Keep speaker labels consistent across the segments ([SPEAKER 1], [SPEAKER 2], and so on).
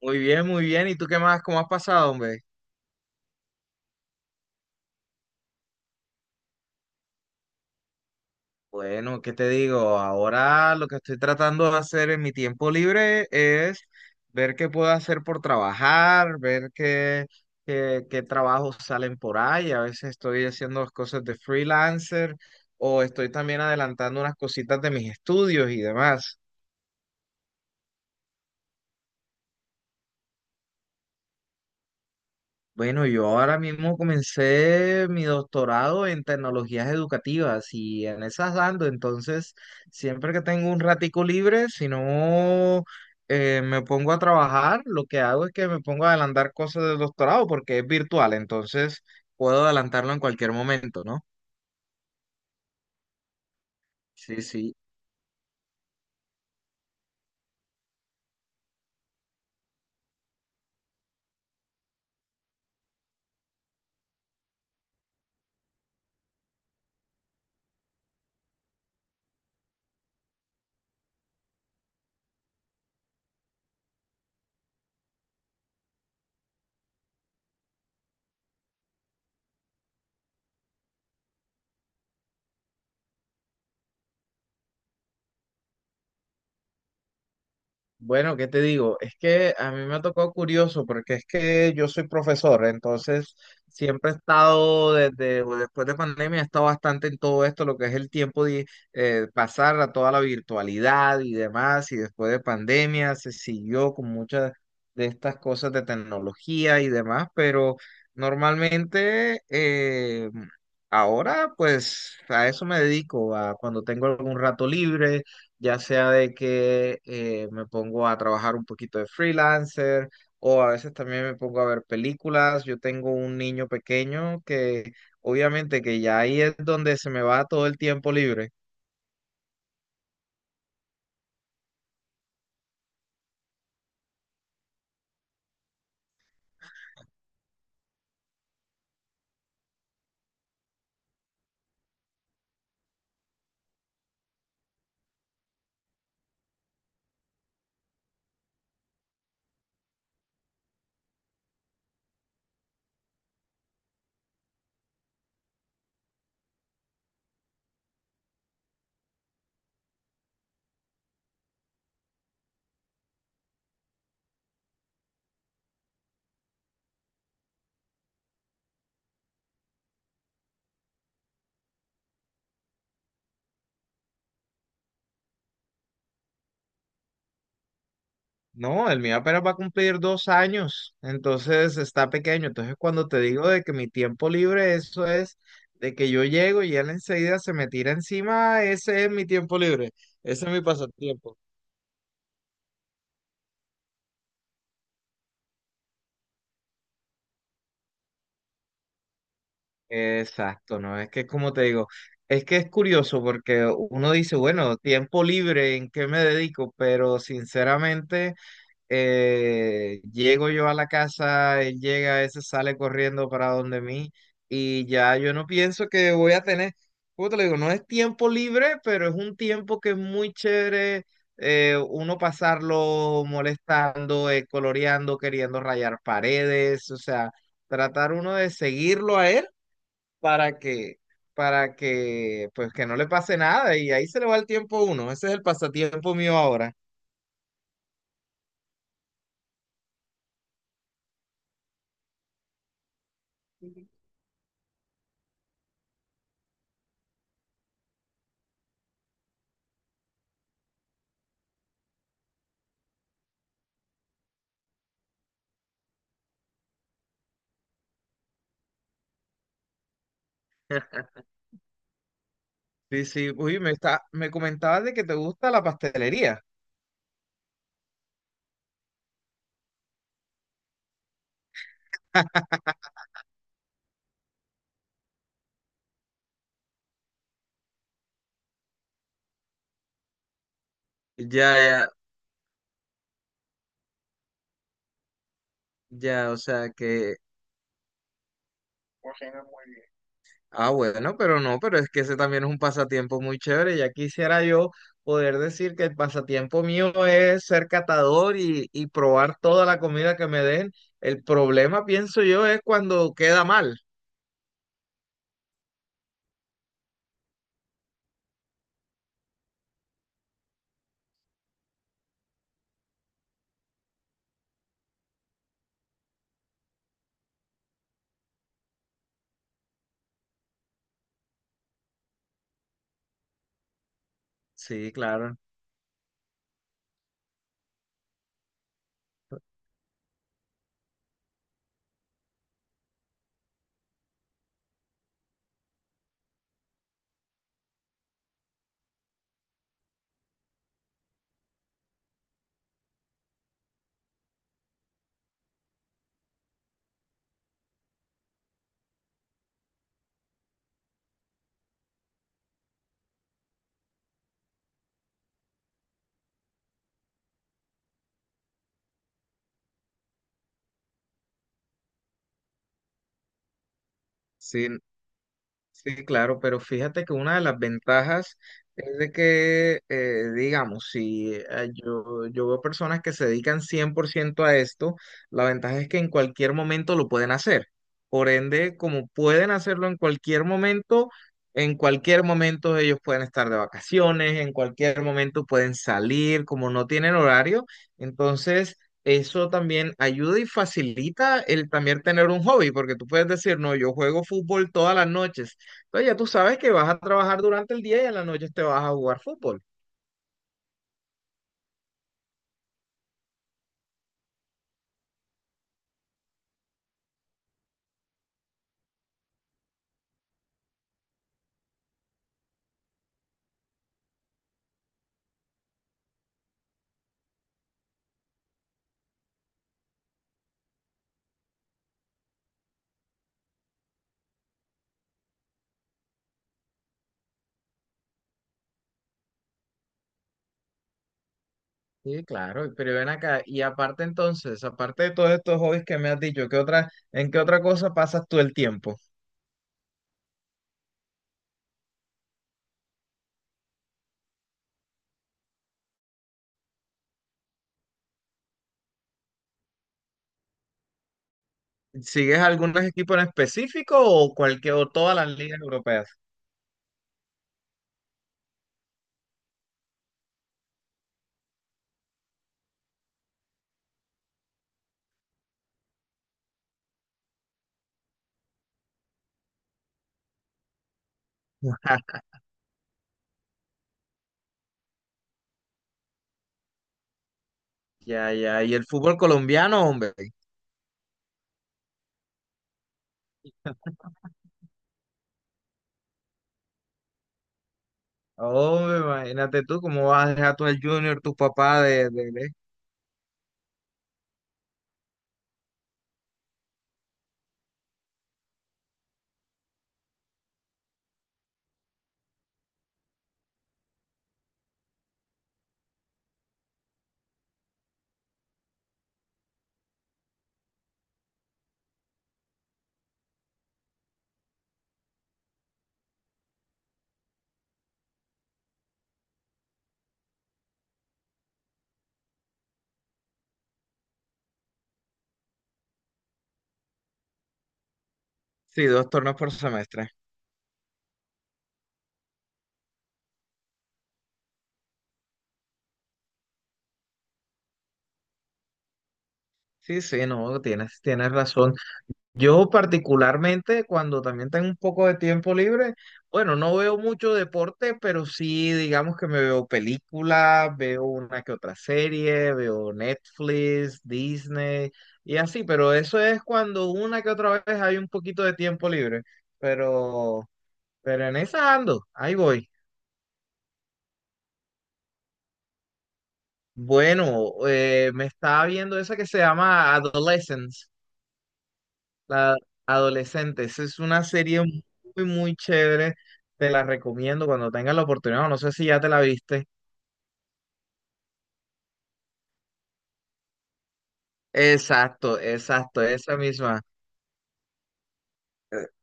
[SPEAKER 1] Muy bien, muy bien. ¿Y tú qué más? ¿Cómo has pasado, hombre? Bueno, ¿qué te digo? Ahora lo que estoy tratando de hacer en mi tiempo libre es ver qué puedo hacer por trabajar, ver qué trabajos salen por ahí. A veces estoy haciendo las cosas de freelancer o estoy también adelantando unas cositas de mis estudios y demás. Bueno, yo ahora mismo comencé mi doctorado en tecnologías educativas y en esas dando, entonces siempre que tengo un ratico libre, si no me pongo a trabajar, lo que hago es que me pongo a adelantar cosas del doctorado porque es virtual, entonces puedo adelantarlo en cualquier momento, ¿no? Sí, sí. Bueno, ¿qué te digo? Es que a mí me ha tocado curioso porque es que yo soy profesor, entonces siempre he estado desde o después de pandemia, he estado bastante en todo esto, lo que es el tiempo de pasar a toda la virtualidad y demás, y después de pandemia se siguió con muchas de estas cosas de tecnología y demás, pero normalmente ahora pues a eso me dedico, a cuando tengo algún rato libre ya sea de que me pongo a trabajar un poquito de freelancer o a veces también me pongo a ver películas. Yo tengo un niño pequeño que obviamente que ya ahí es donde se me va todo el tiempo libre. No, el mío apenas va a cumplir 2 años, entonces está pequeño. Entonces cuando te digo de que mi tiempo libre, eso es de que yo llego y él enseguida se me tira encima, ese es mi tiempo libre, ese es mi pasatiempo. Exacto, ¿no? Es que como te digo, es que es curioso porque uno dice, bueno, tiempo libre, ¿en qué me dedico? Pero sinceramente, llego yo a la casa, él llega, ese sale corriendo para donde mí y ya yo no pienso que voy a tener, como te lo digo, no es tiempo libre, pero es un tiempo que es muy chévere uno pasarlo molestando, coloreando, queriendo rayar paredes, o sea tratar uno de seguirlo a él para que, para que, pues que no le pase nada y ahí se le va el tiempo a uno. Ese es el pasatiempo mío ahora. Sí, sí, uy, me comentabas de que te gusta la pastelería. Ya, ya, ya, o sea que. Cocina muy bien. Ah, bueno, pero no, pero es que ese también es un pasatiempo muy chévere. Ya quisiera yo poder decir que el pasatiempo mío es ser catador y probar toda la comida que me den. El problema, pienso yo, es cuando queda mal. Sí, claro. Sí, sí, claro, pero fíjate que una de las ventajas es de que, digamos, si yo veo personas que se dedican 100% a esto, la ventaja es que en cualquier momento lo pueden hacer. Por ende, como pueden hacerlo en cualquier momento ellos pueden estar de vacaciones, en cualquier momento pueden salir, como no tienen horario, entonces. Eso también ayuda y facilita el también tener un hobby, porque tú puedes decir, no, yo juego fútbol todas las noches, entonces ya tú sabes que vas a trabajar durante el día y en la noche te vas a jugar fútbol. Sí, claro, pero ven acá. Y aparte entonces, aparte de todos estos hobbies que me has dicho, ¿En qué otra cosa pasas tú el tiempo? ¿Sigues algún equipo en específico o todas las ligas europeas? Ya, ya, y el fútbol colombiano, hombre. Hombre, imagínate tú cómo vas a dejar tú el Junior, tu papá de— Sí, dos torneos por semestre. Sí, sí, no, tienes razón. Yo particularmente cuando también tengo un poco de tiempo libre, bueno, no veo mucho deporte, pero sí digamos que me veo películas, veo una que otra serie, veo Netflix, Disney y así, pero eso es cuando una que otra vez hay un poquito de tiempo libre, pero, pero, en esa ando, ahí voy. Bueno, me estaba viendo esa que se llama Adolescence. La Adolescentes es una serie muy, muy chévere. Te la recomiendo cuando tengas la oportunidad, o no sé si ya te la viste. Exacto, exacto, esa misma.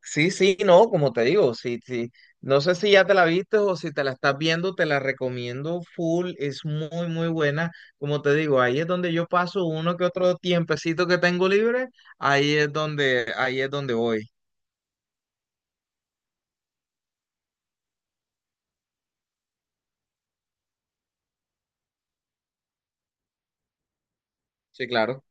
[SPEAKER 1] Sí, sí, no, como te digo, sí, sí. No sé si ya te la viste o si te la estás viendo, te la recomiendo full. Es muy, muy buena. Como te digo, ahí es donde yo paso uno que otro tiempecito que tengo libre. Ahí es donde voy. Sí, claro.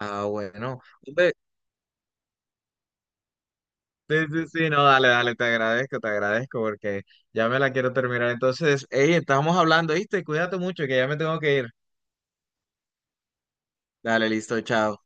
[SPEAKER 1] Ah, bueno. Hombre, sí, sí, sí, no, dale, dale, te agradezco porque ya me la quiero terminar. Entonces, hey, estamos hablando, ¿viste? Cuídate mucho que ya me tengo que ir. Dale, listo, chao.